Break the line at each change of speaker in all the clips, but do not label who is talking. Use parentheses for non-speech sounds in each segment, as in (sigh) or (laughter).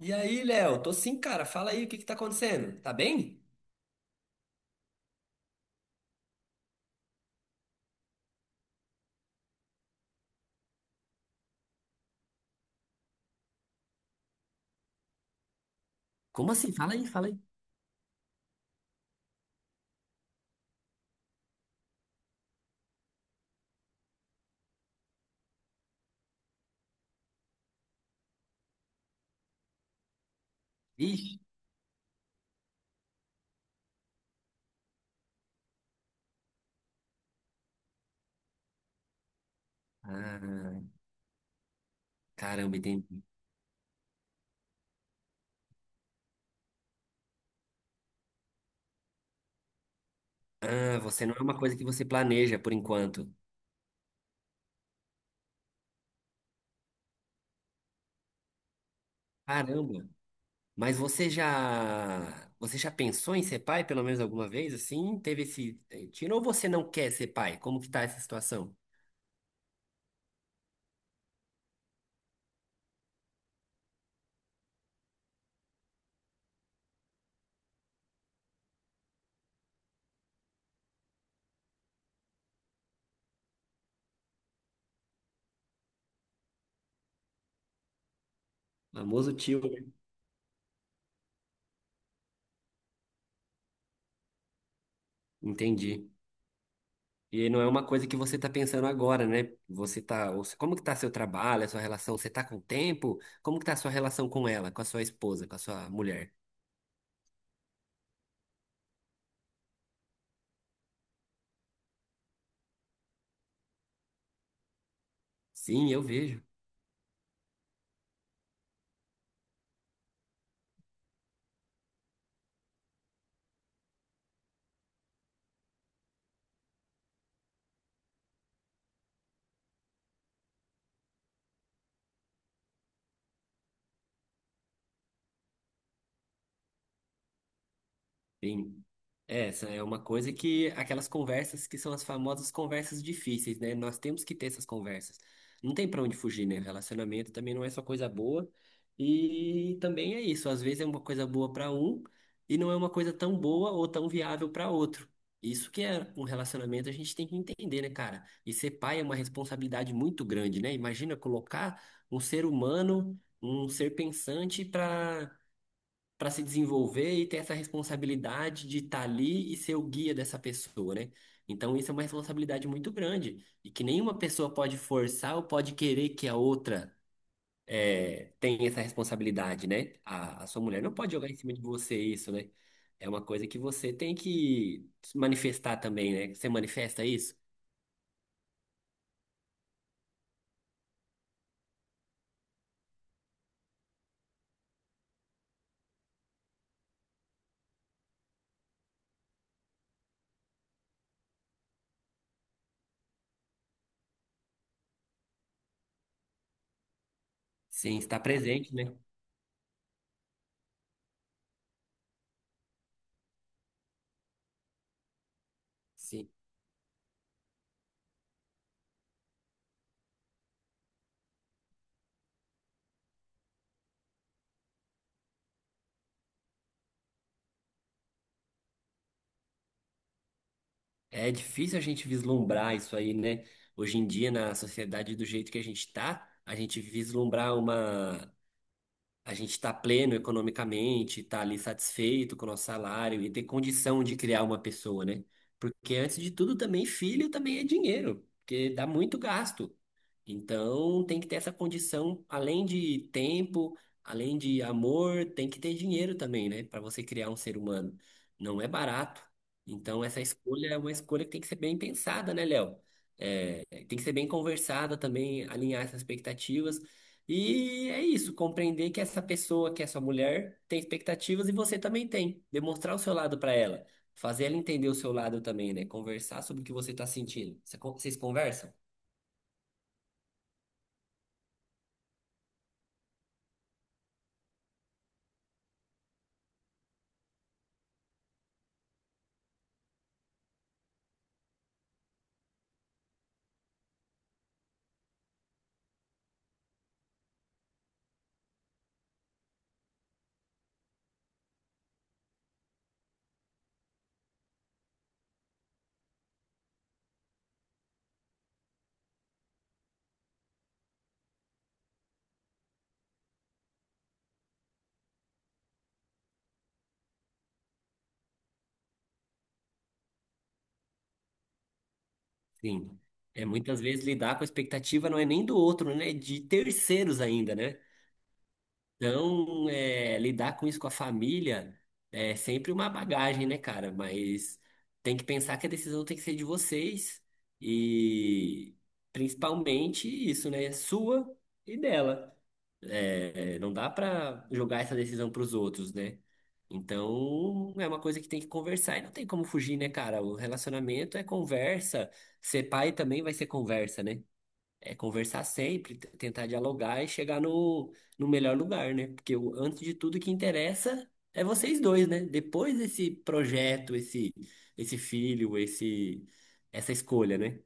E aí, Léo? Tô sim, cara. Fala aí, o que que tá acontecendo? Tá bem? Como assim? Fala aí, fala aí. Ixi. Ah, caramba, entendi. Ah, você não é uma coisa que você planeja por enquanto. Caramba. Mas você já pensou em ser pai pelo menos alguma vez? Assim, teve esse tiro ou você não quer ser pai? Como que tá essa situação? Famoso tio, né? Entendi. E aí não é uma coisa que você está pensando agora, né? Você tá, ou como que tá seu trabalho, a sua relação? Você tá com tempo? Como que tá a sua relação com ela, com a sua esposa, com a sua mulher? Sim, eu vejo. Sim. É, essa é uma coisa que aquelas conversas que são as famosas conversas difíceis, né? Nós temos que ter essas conversas. Não tem pra onde fugir, né? Relacionamento também não é só coisa boa. E também é isso, às vezes é uma coisa boa pra um e não é uma coisa tão boa ou tão viável pra outro. Isso que é um relacionamento, a gente tem que entender, né, cara? E ser pai é uma responsabilidade muito grande, né? Imagina colocar um ser humano, um ser pensante para se desenvolver e ter essa responsabilidade de estar ali e ser o guia dessa pessoa, né? Então isso é uma responsabilidade muito grande e que nenhuma pessoa pode forçar ou pode querer que a outra tenha essa responsabilidade, né? A sua mulher não pode jogar em cima de você isso, né? É uma coisa que você tem que manifestar também, né? Você manifesta isso? Sim, estar presente, né? Sim. É difícil a gente vislumbrar isso aí, né? Hoje em dia, na sociedade do jeito que a gente tá, a gente vislumbrar uma a gente está pleno economicamente, está ali satisfeito com o nosso salário e ter condição de criar uma pessoa, né? Porque antes de tudo também filho também é dinheiro, porque dá muito gasto. Então tem que ter essa condição, além de tempo, além de amor, tem que ter dinheiro também, né? Para você criar um ser humano. Não é barato. Então essa escolha é uma escolha que tem que ser bem pensada, né, Léo? É, tem que ser bem conversada também, alinhar essas expectativas e é isso, compreender que essa pessoa, que é sua mulher, tem expectativas e você também tem. Demonstrar o seu lado para ela, fazer ela entender o seu lado também, né? Conversar sobre o que você está sentindo. Vocês conversam? Sim. É, muitas vezes lidar com a expectativa não é nem do outro, né? É de terceiros ainda, né? Então, é, lidar com isso com a família é sempre uma bagagem, né, cara? Mas tem que pensar que a decisão tem que ser de vocês e principalmente isso, né? Sua e dela. É, não dá pra jogar essa decisão pros outros, né? Então, é uma coisa que tem que conversar e não tem como fugir, né, cara? O relacionamento é conversa. Ser pai também vai ser conversa, né? É conversar sempre, tentar dialogar e chegar no melhor lugar, né? Porque antes de tudo, o que interessa é vocês dois, né? Depois desse projeto, esse filho, essa escolha, né?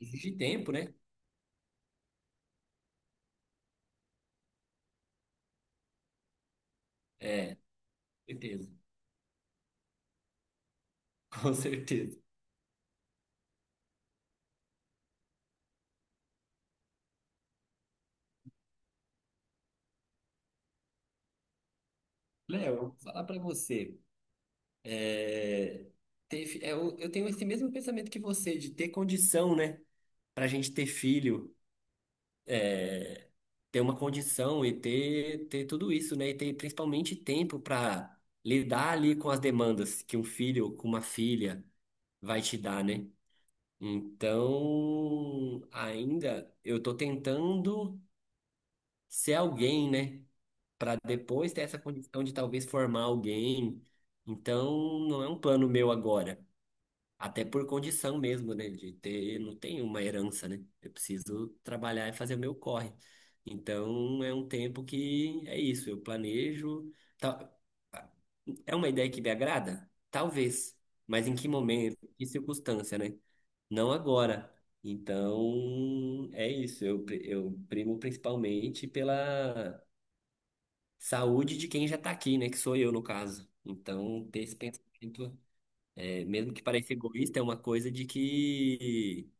Exige tempo, né? É, com certeza. (laughs) Com certeza. Léo, eu vou falar pra você. é, eu tenho esse mesmo pensamento que você, de ter condição, né? Pra gente ter filho. Ter uma condição e ter tudo isso, né? E ter principalmente tempo para lidar ali com as demandas que um filho ou com uma filha vai te dar, né? Então, ainda eu tô tentando ser alguém, né? Para depois ter essa condição de talvez formar alguém. Então, não é um plano meu agora. Até por condição mesmo, né? De ter, não tem uma herança, né? Eu preciso trabalhar e fazer o meu corre. Então é um tempo que é isso, eu planejo. tal- É uma ideia que me agrada? Talvez. Mas em que momento, em que circunstância, né? Não agora. Então é isso, eu primo principalmente pela saúde de quem já tá aqui, né? Que sou eu, no caso. Então, ter esse pensamento. É, mesmo que pareça egoísta, é uma coisa de que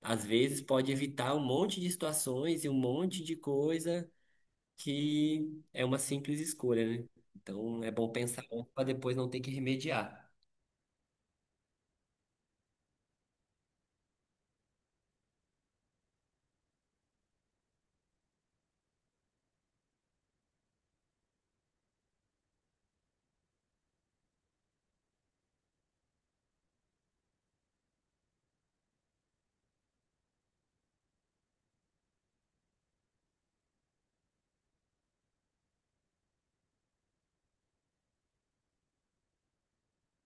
às vezes pode evitar um monte de situações e um monte de coisa que é uma simples escolha, né? Então é bom pensar para depois não ter que remediar.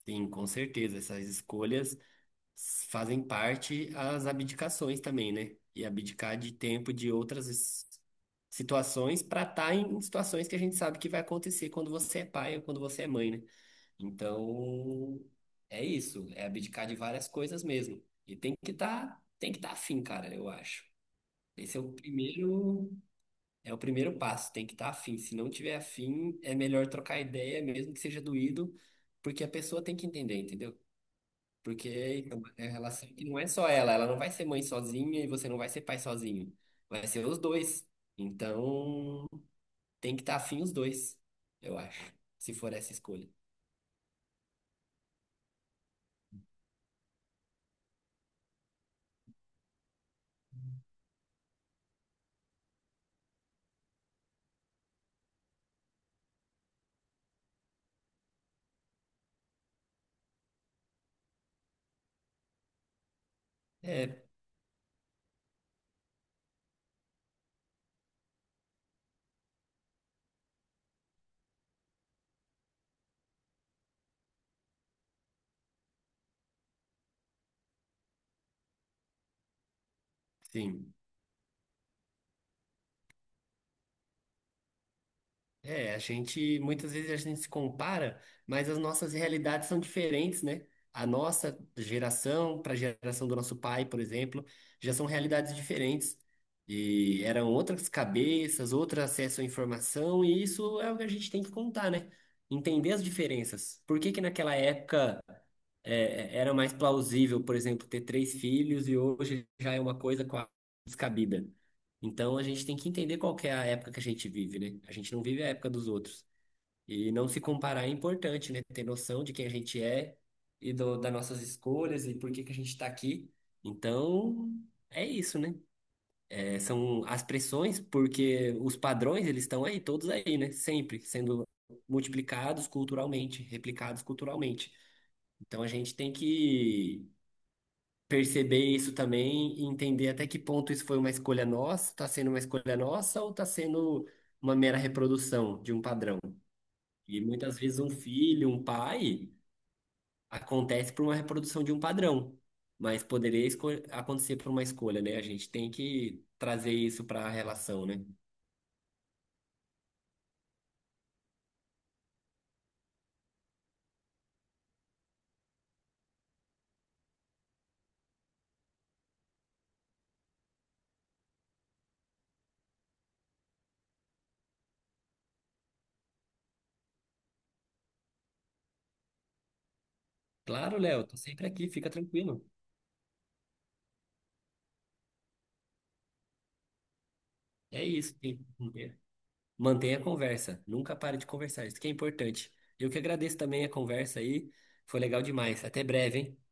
Sim, com certeza. Essas escolhas fazem parte as abdicações também, né? E abdicar de tempo de outras situações para estar em situações que a gente sabe que vai acontecer quando você é pai ou quando você é mãe, né? Então, é isso, é abdicar de várias coisas mesmo. E tem que estar afim, cara, eu acho. Esse é é o primeiro passo, tem que estar afim. Se não tiver afim, é melhor trocar ideia, mesmo que seja doído, porque a pessoa tem que entender, entendeu? Porque é uma relação que não é só ela, ela não vai ser mãe sozinha e você não vai ser pai sozinho. Vai ser os dois. Então, tem que estar afim os dois, eu acho, se for essa escolha. É, sim. É, muitas vezes a gente se compara, mas as nossas realidades são diferentes, né? A nossa geração para a geração do nosso pai, por exemplo, já são realidades diferentes. E eram outras cabeças, outro acesso à informação, e isso é o que a gente tem que contar, né? Entender as diferenças. Por que que naquela época era mais plausível, por exemplo, ter três filhos e hoje já é uma coisa quase descabida. Então a gente tem que entender qual que é a época que a gente vive, né? A gente não vive a época dos outros. E não se comparar é importante, né? Ter noção de quem a gente é e das nossas escolhas e por que que a gente está aqui. Então é isso, né? É, são as pressões, porque os padrões eles estão aí, todos aí, né? Sempre sendo multiplicados culturalmente, replicados culturalmente. Então a gente tem que perceber isso também e entender até que ponto isso foi uma escolha nossa, está sendo uma escolha nossa ou está sendo uma mera reprodução de um padrão. E muitas vezes um filho, um pai, acontece por uma reprodução de um padrão, mas poderia acontecer por uma escolha, né? A gente tem que trazer isso para a relação, né? Claro, Léo, tô sempre aqui, fica tranquilo. É isso, mantenha a conversa, nunca pare de conversar, isso que é importante. Eu que agradeço também a conversa aí, foi legal demais. Até breve, hein?